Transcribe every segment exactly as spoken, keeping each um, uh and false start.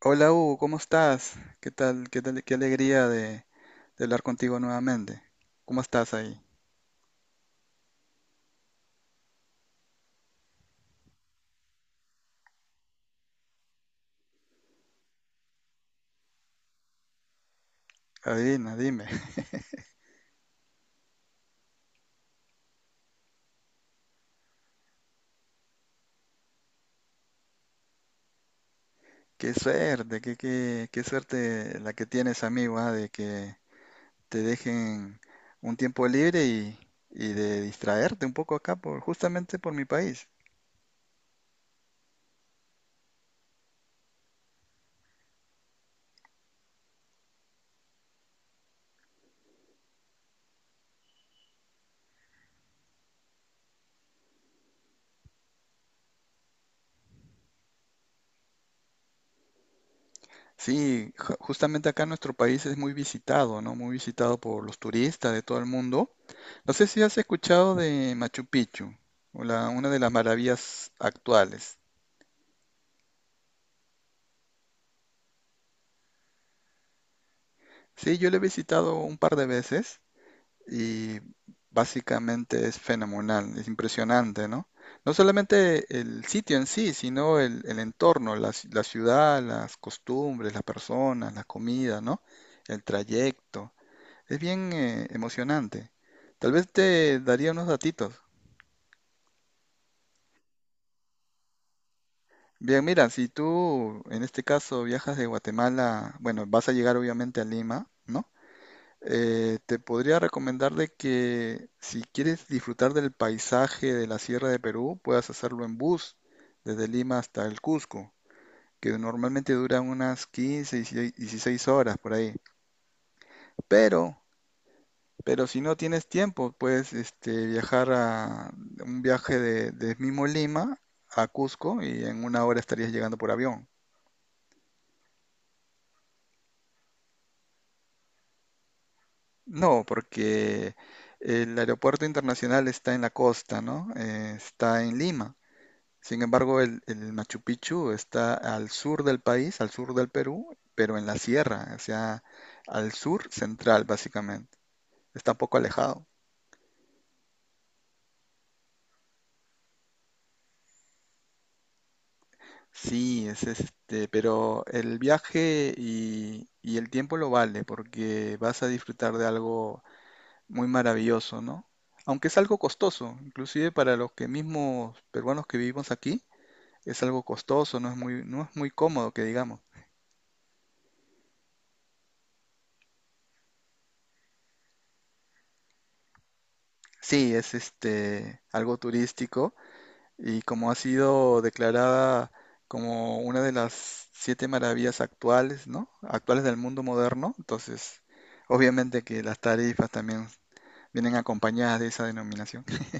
Hola Hugo, ¿cómo estás? ¿Qué tal? ¿Qué tal? Qué alegría de, de hablar contigo nuevamente. ¿Cómo estás ahí? Adivina, dime. Qué suerte, qué, qué, qué suerte la que tienes, amigo, ah, de que te dejen un tiempo libre y, y de distraerte un poco acá por, justamente por mi país. Sí, ju- justamente acá nuestro país es muy visitado, ¿no? Muy visitado por los turistas de todo el mundo. No sé si has escuchado de Machu Picchu, o la- una de las maravillas actuales. Sí, yo lo he visitado un par de veces y básicamente es fenomenal, es impresionante, ¿no? No solamente el sitio en sí, sino el, el entorno, la, ci- la ciudad, las costumbres, las personas, la comida, ¿no? El trayecto. Es bien eh, emocionante. Tal vez te daría unos datitos. Bien, mira, si tú en este caso viajas de Guatemala, bueno, vas a llegar obviamente a Lima, ¿no? Eh, te podría recomendar de que si quieres disfrutar del paisaje de la Sierra de Perú, puedas hacerlo en bus desde Lima hasta el Cusco, que normalmente duran unas quince, 16 16 horas por ahí. Pero, pero si no tienes tiempo, puedes este, viajar a un viaje de, de mismo Lima a Cusco y en una hora estarías llegando por avión. No, porque el, aeropuerto internacional está en la costa, ¿no? Eh, está en Lima. Sin embargo, el, el Machu Picchu está al sur del país, al sur del Perú, pero en la sierra, o sea, al sur central, básicamente. Está un poco alejado. Sí, es este, pero el viaje y, y el tiempo lo vale, porque vas a disfrutar de algo muy maravilloso, ¿no? Aunque es algo costoso, inclusive para los que mismos peruanos que vivimos aquí, es algo costoso, no es muy, no es muy cómodo que digamos. Sí, es este algo turístico y como ha sido declarada como una de las siete maravillas actuales, ¿no? Actuales del mundo moderno, entonces obviamente que las tarifas también vienen acompañadas de esa denominación.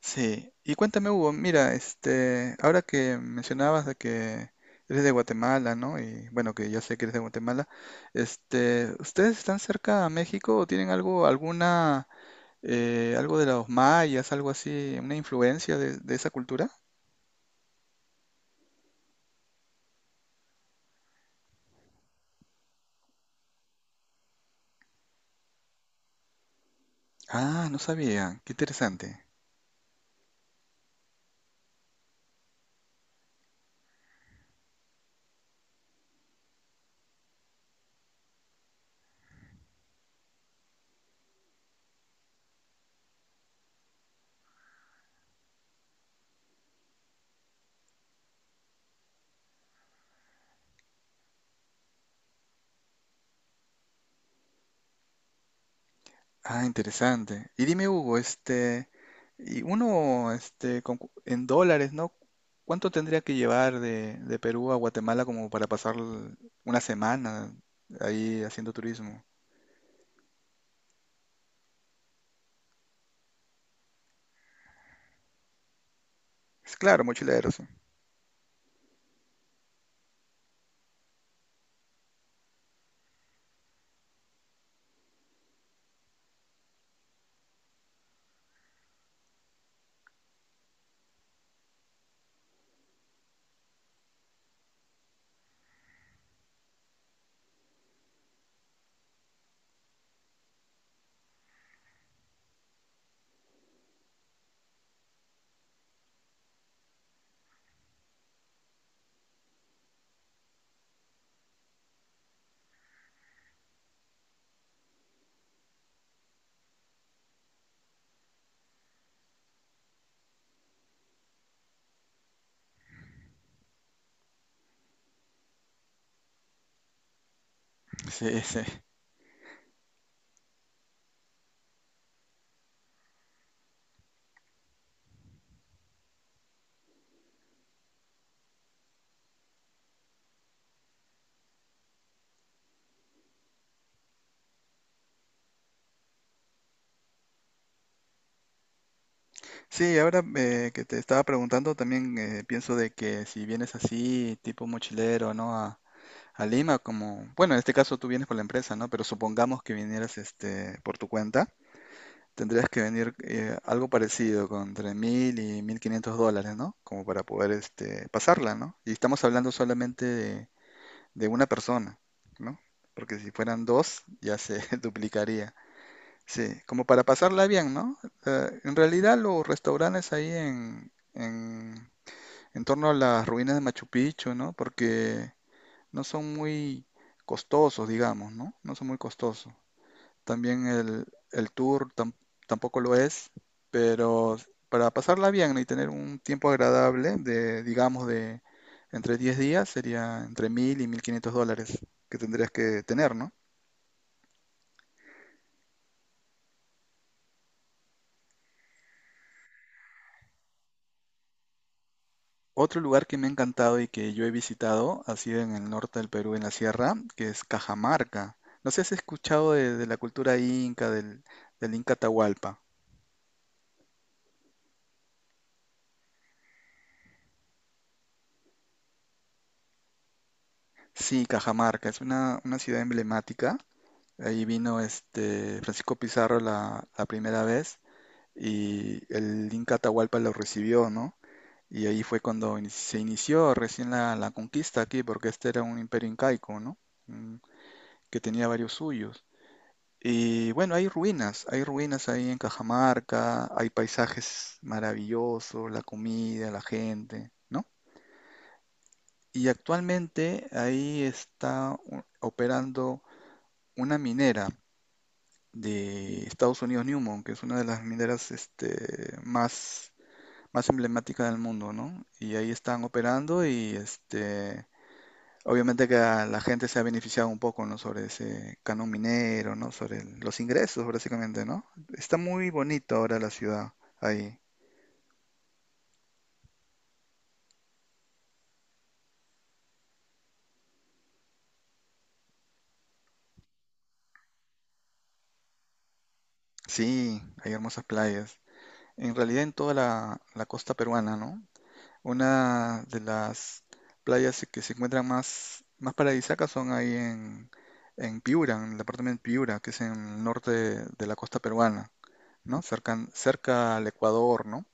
Sí, y cuéntame Hugo, mira, este, ahora que mencionabas de que eres de Guatemala, ¿no? Y bueno, que ya sé que eres de Guatemala, este, ¿ustedes están cerca a México o tienen algo, alguna, eh, algo de los mayas, algo así, una influencia de de esa cultura? Ah, no sabía. Qué interesante. Ah, interesante. Y dime, Hugo, este, y uno, este, con cu- en dólares, ¿no? ¿Cuánto tendría que llevar de, de Perú a Guatemala como para pasar l- una semana ahí haciendo turismo? Es claro, mochileros. Sí, sí, sí. Sí, ahora eh, que te estaba preguntando, también eh, pienso de que si vienes así, tipo mochilero, ¿no? A, a Lima, como, bueno, en este caso tú vienes con la empresa, ¿no? Pero supongamos que vinieras este, por tu cuenta. Tendrías que venir eh, algo parecido, con entre mil y mil quinientos dólares, ¿no? Como para poder este, pasarla, ¿no? Y estamos hablando solamente de, de una persona, ¿no? Porque si fueran dos, ya se duplicaría. Sí, como para pasarla bien, ¿no? Eh, en realidad los restaurantes ahí en, en, en torno a las ruinas de Machu Picchu, ¿no? Porque no son muy costosos, digamos, ¿no? No son muy costosos. También el, el tour tam- tampoco lo es, pero para pasarla bien y tener un tiempo agradable de, digamos, de entre diez días sería entre mil y mil quinientos dólares que tendrías que tener, ¿no? Otro lugar que me ha encantado y que yo he visitado ha sido en el norte del Perú, en la sierra, que es Cajamarca. No sé si has escuchado de, de la cultura inca, del, del Inca Tahualpa. Sí, Cajamarca es una, una ciudad emblemática. Ahí vino este Francisco Pizarro la, la primera vez y el Inca Atahualpa lo recibió, ¿no? Y ahí fue cuando ini- se inició recién la, la conquista aquí, porque este era un imperio incaico, ¿no? Mm, Que tenía varios suyos. Y bueno, hay ruinas, hay ruinas ahí en Cajamarca, hay paisajes maravillosos, la comida, la gente, ¿no? Y actualmente ahí está u- operando una minera de Estados Unidos Newmont, que es una de las mineras este, más, más emblemáticas del mundo, ¿no? Y ahí están operando y este, obviamente que a la gente se ha beneficiado un poco, ¿no? Sobre ese canon minero, ¿no? Sobre el- los ingresos, básicamente, ¿no? Está muy bonito ahora la ciudad ahí. Sí, hay hermosas playas. En realidad en toda la, la costa peruana, ¿no? Una de las playas que se encuentran más, más paradisíacas son ahí en, en Piura, en el departamento de Piura, que es en el norte de, de la costa peruana, ¿no? Cerca, cerca al Ecuador, ¿no?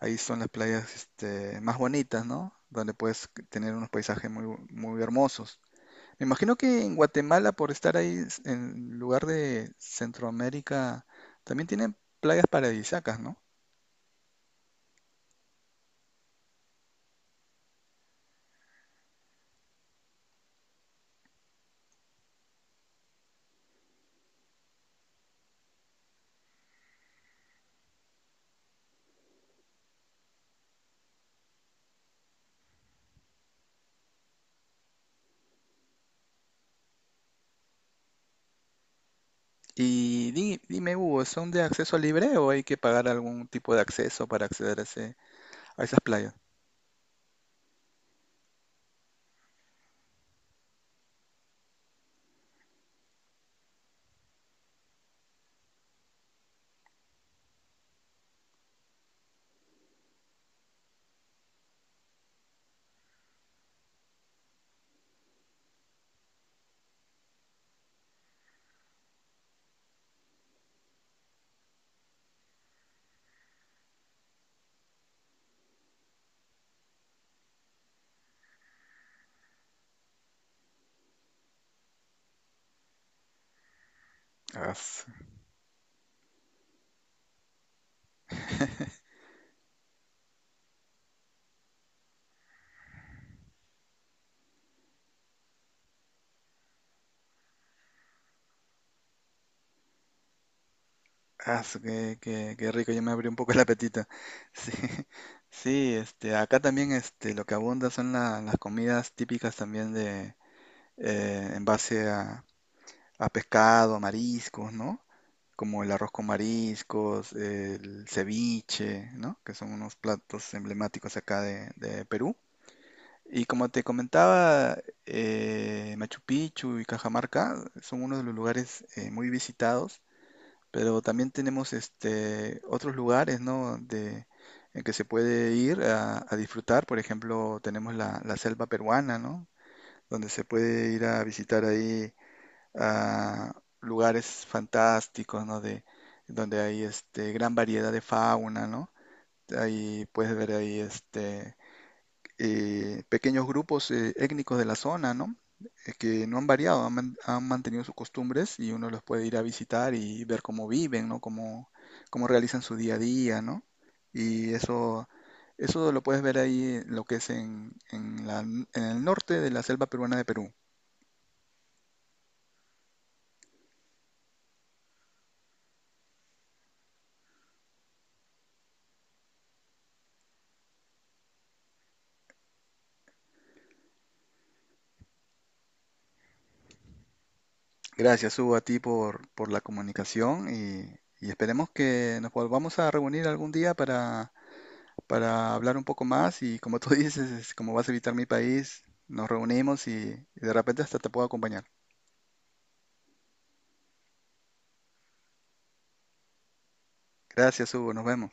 Ahí son las playas este, más bonitas, ¿no? Donde puedes tener unos paisajes muy, muy hermosos. Me imagino que en Guatemala, por estar ahí en lugar de Centroamérica, también tienen playas paradisíacas, ¿no? Y di- dime, Hugo, ¿son de acceso libre o hay que pagar algún tipo de acceso para acceder a, ese- a esas playas? Ah, as, qué, qué- qué rico, ya me abrió un poco el apetito. Sí, sí, este, acá también este, lo que abunda son la- las comidas típicas también de, eh, en base a, a pescado, mariscos, ¿no? Como el arroz con mariscos, el ceviche, ¿no? Que son unos platos emblemáticos acá de de Perú. Y como te comentaba, eh, Machu Picchu y Cajamarca son uno de los lugares eh, muy visitados, pero también tenemos este, otros lugares, ¿no? de- en que se puede ir a, a disfrutar. Por ejemplo, tenemos la, la selva peruana, ¿no? Donde se puede ir a visitar ahí a lugares fantásticos, ¿no? De, donde hay este, gran variedad de fauna, ¿no? Ahí puedes ver ahí este, eh, pequeños grupos eh, étnicos de la zona, ¿no? Eh, que no han variado, han, man- han mantenido sus costumbres y uno los puede ir a visitar y ver cómo viven, ¿no? Cómo, cómo realizan su día a día, ¿no? Y eso, eso lo puedes ver ahí, en lo que es en, en la- en el norte de la selva peruana de Perú. Gracias, Hugo, a ti por, por la comunicación y, y esperemos que nos volvamos a reunir algún día para para hablar un poco más y como tú dices, es como vas a visitar mi país, nos reunimos y, y de repente hasta te puedo acompañar. Gracias, Hugo, nos vemos.